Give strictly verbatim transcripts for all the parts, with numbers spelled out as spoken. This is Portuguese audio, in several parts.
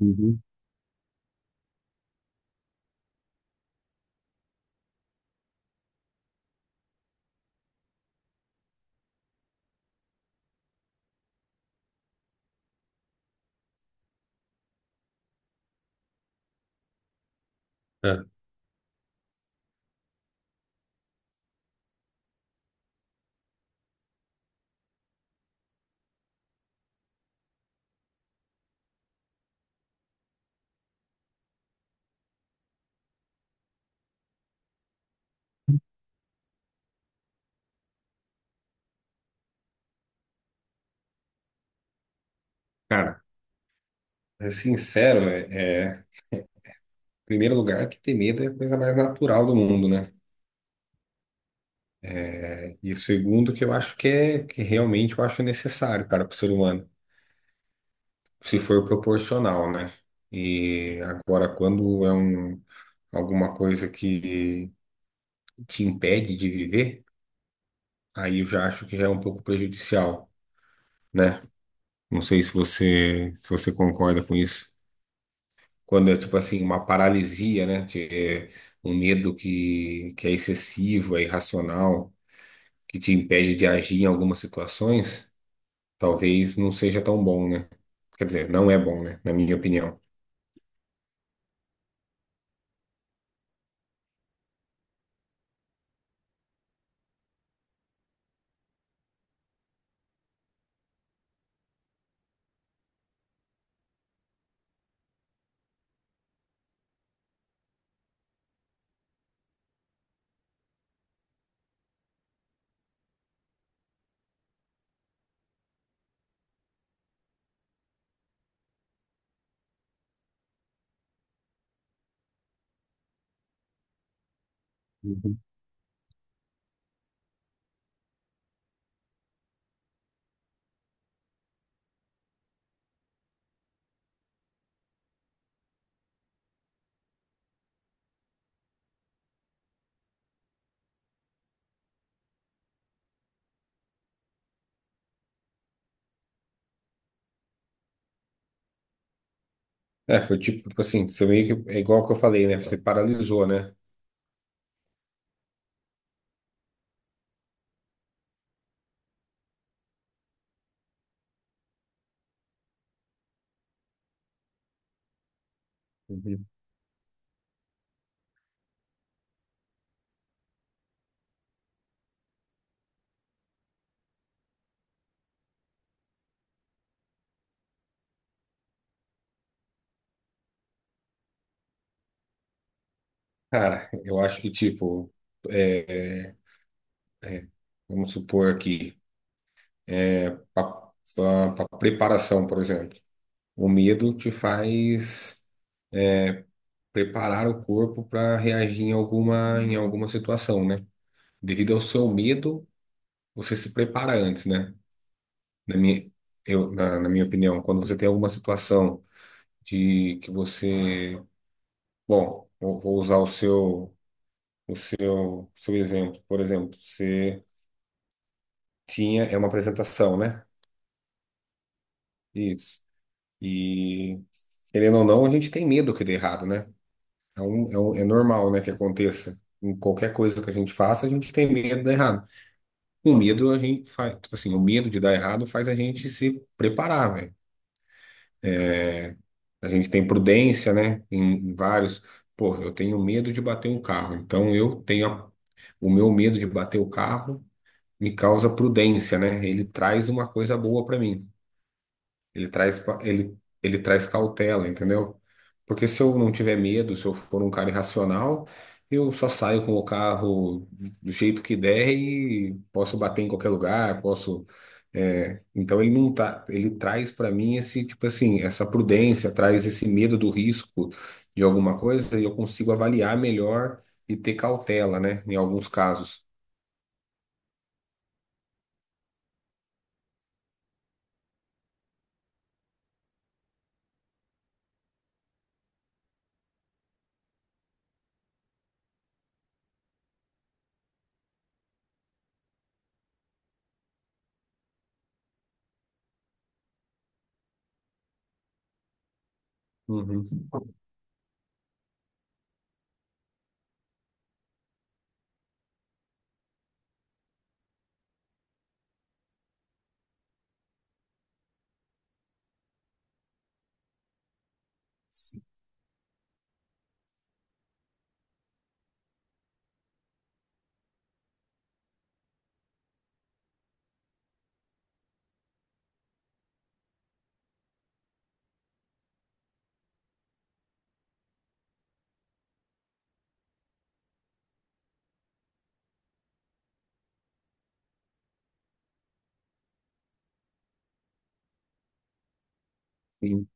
Uhum. É. Cara, é sincero, é, é, em primeiro lugar, que ter medo é a coisa mais natural do mundo, né? É, e o segundo, que eu acho que é que realmente eu acho necessário, cara, para o ser humano, se for proporcional, né? E agora, quando é um, alguma coisa que te impede de viver, aí eu já acho que já é um pouco prejudicial, né? Não sei se você, se você concorda com isso. Quando é tipo assim, uma paralisia, né? Te- é um medo que, que é excessivo, é irracional, que te impede de agir em algumas situações, talvez não seja tão bom, né? Quer dizer, não é bom, né? Na minha opinião. Uhum. É, foi tipo, tipo assim, você meio que, é igual que eu falei, né? Você paralisou, né? Uhum. Cara, eu acho que tipo, é, é, é, vamos supor aqui, para preparação, por exemplo, o medo te faz preparar o corpo para reagir em alguma, em alguma situação, né? Devido ao seu medo, você se prepara antes, né? Na minha, eu, na, na minha opinião, quando você tem alguma situação de que você, bom, eu vou usar o seu, o seu, seu exemplo, por exemplo, você tinha, é, uma apresentação, né? Isso. E, querendo ou não, a gente tem medo que dê errado, né? É, um, é, um, é normal, né, que aconteça. Em qualquer coisa que a gente faça, a gente tem medo de dar errado. O medo a gente faz, tipo assim, o medo de dar errado faz a gente se preparar, velho. A gente tem prudência, né? Em, em vários, pô, eu tenho medo de bater um carro. Então eu tenho a- o meu medo de bater o carro me causa prudência, né? Ele traz uma coisa boa pra mim. Ele traz, pa- ele, ele traz cautela, entendeu? Porque se eu não tiver medo, se eu for um cara irracional, eu só saio com o carro do jeito que der e posso bater em qualquer lugar, posso. É, então ele não tá, ele traz para mim esse tipo assim, essa prudência, traz esse medo do risco de alguma coisa e eu consigo avaliar melhor e ter cautela, né? Em alguns casos. Uhum. Sim,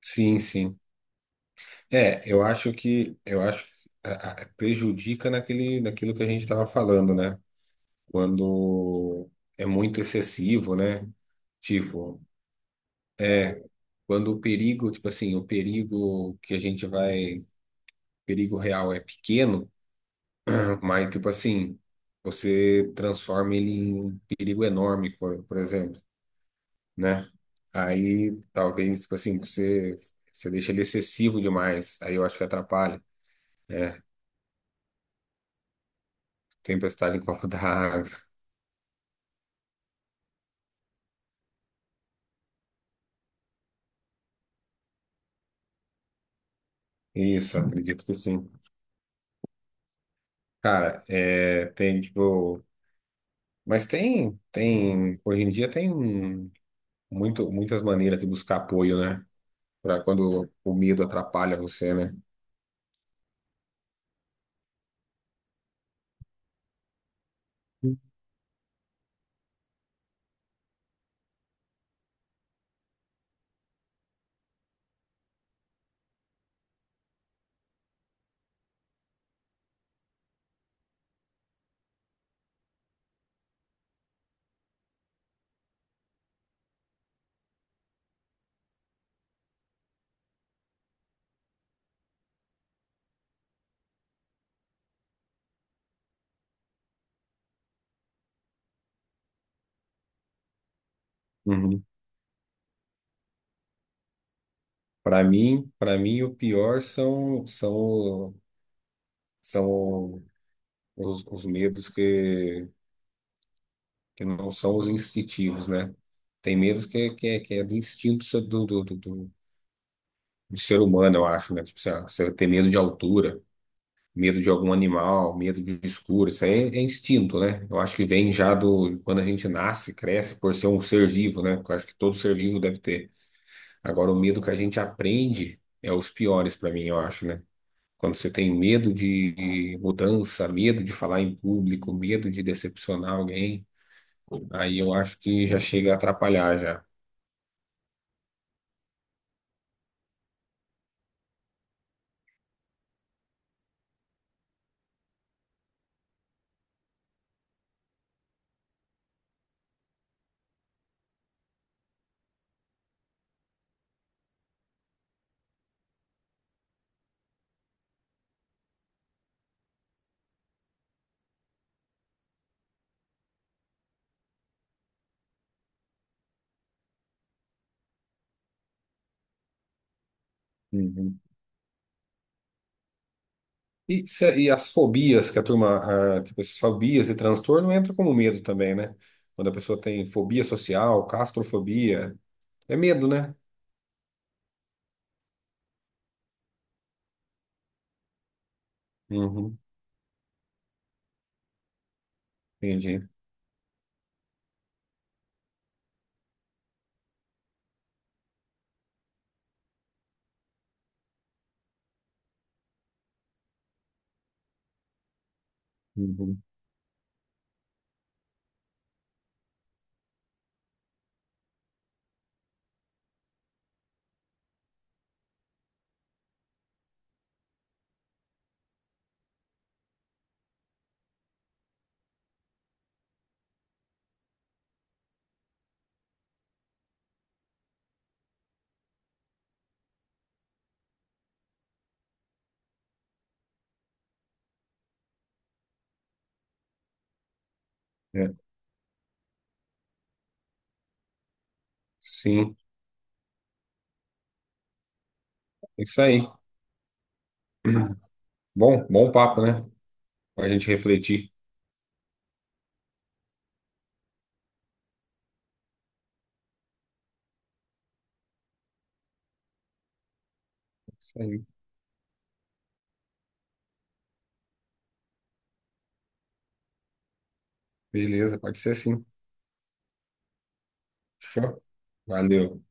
sim, sim. É, eu acho que eu acho que a- a- prejudica naquele, naquilo que a gente estava falando, né? Quando é muito excessivo, né? Tipo, quando o perigo, tipo assim, o perigo que a gente vai, perigo real é pequeno, mas tipo assim, você transforma ele em um perigo enorme, por, por exemplo, né? Aí talvez, tipo assim, você, você deixa ele excessivo demais, aí eu acho que atrapalha, né? Tempestade em copo d'água. Isso, acredito que sim. Cara, é, tem tipo. Mas tem, tem. Hoje em dia tem muito, muitas maneiras de buscar apoio, né? Pra quando o medo atrapalha você, né? Uhum. Para mim, para mim o pior são, são, são os, os medos que, que não são os instintivos, né? Tem medos que, que, é- que é do instinto do, do, do, do do ser humano, eu acho, né? Tipo, sei lá, você tem medo de altura, medo de algum animal, medo de um escuro. Isso aí é, é instinto, né? Eu acho que vem já do quando a gente nasce, cresce por ser um ser vivo, né? Eu acho que todo ser vivo deve ter. Agora, o medo que a gente aprende é os piores para mim, eu acho, né? Quando você tem medo de mudança, medo de falar em público, medo de decepcionar alguém, aí eu acho que já chega a atrapalhar já. Uhum. E, se- é, e as fobias que a turma, ah, tipo, essas fobias e transtorno entra como medo também, né? Quando a pessoa tem fobia social, castrofobia, é medo, né? Uhum, entendi. Uhum, é. Sim, é isso aí. Bom, bom papo, né? Pra gente refletir. É isso aí. Beleza, pode ser sim. Fechou? Valeu.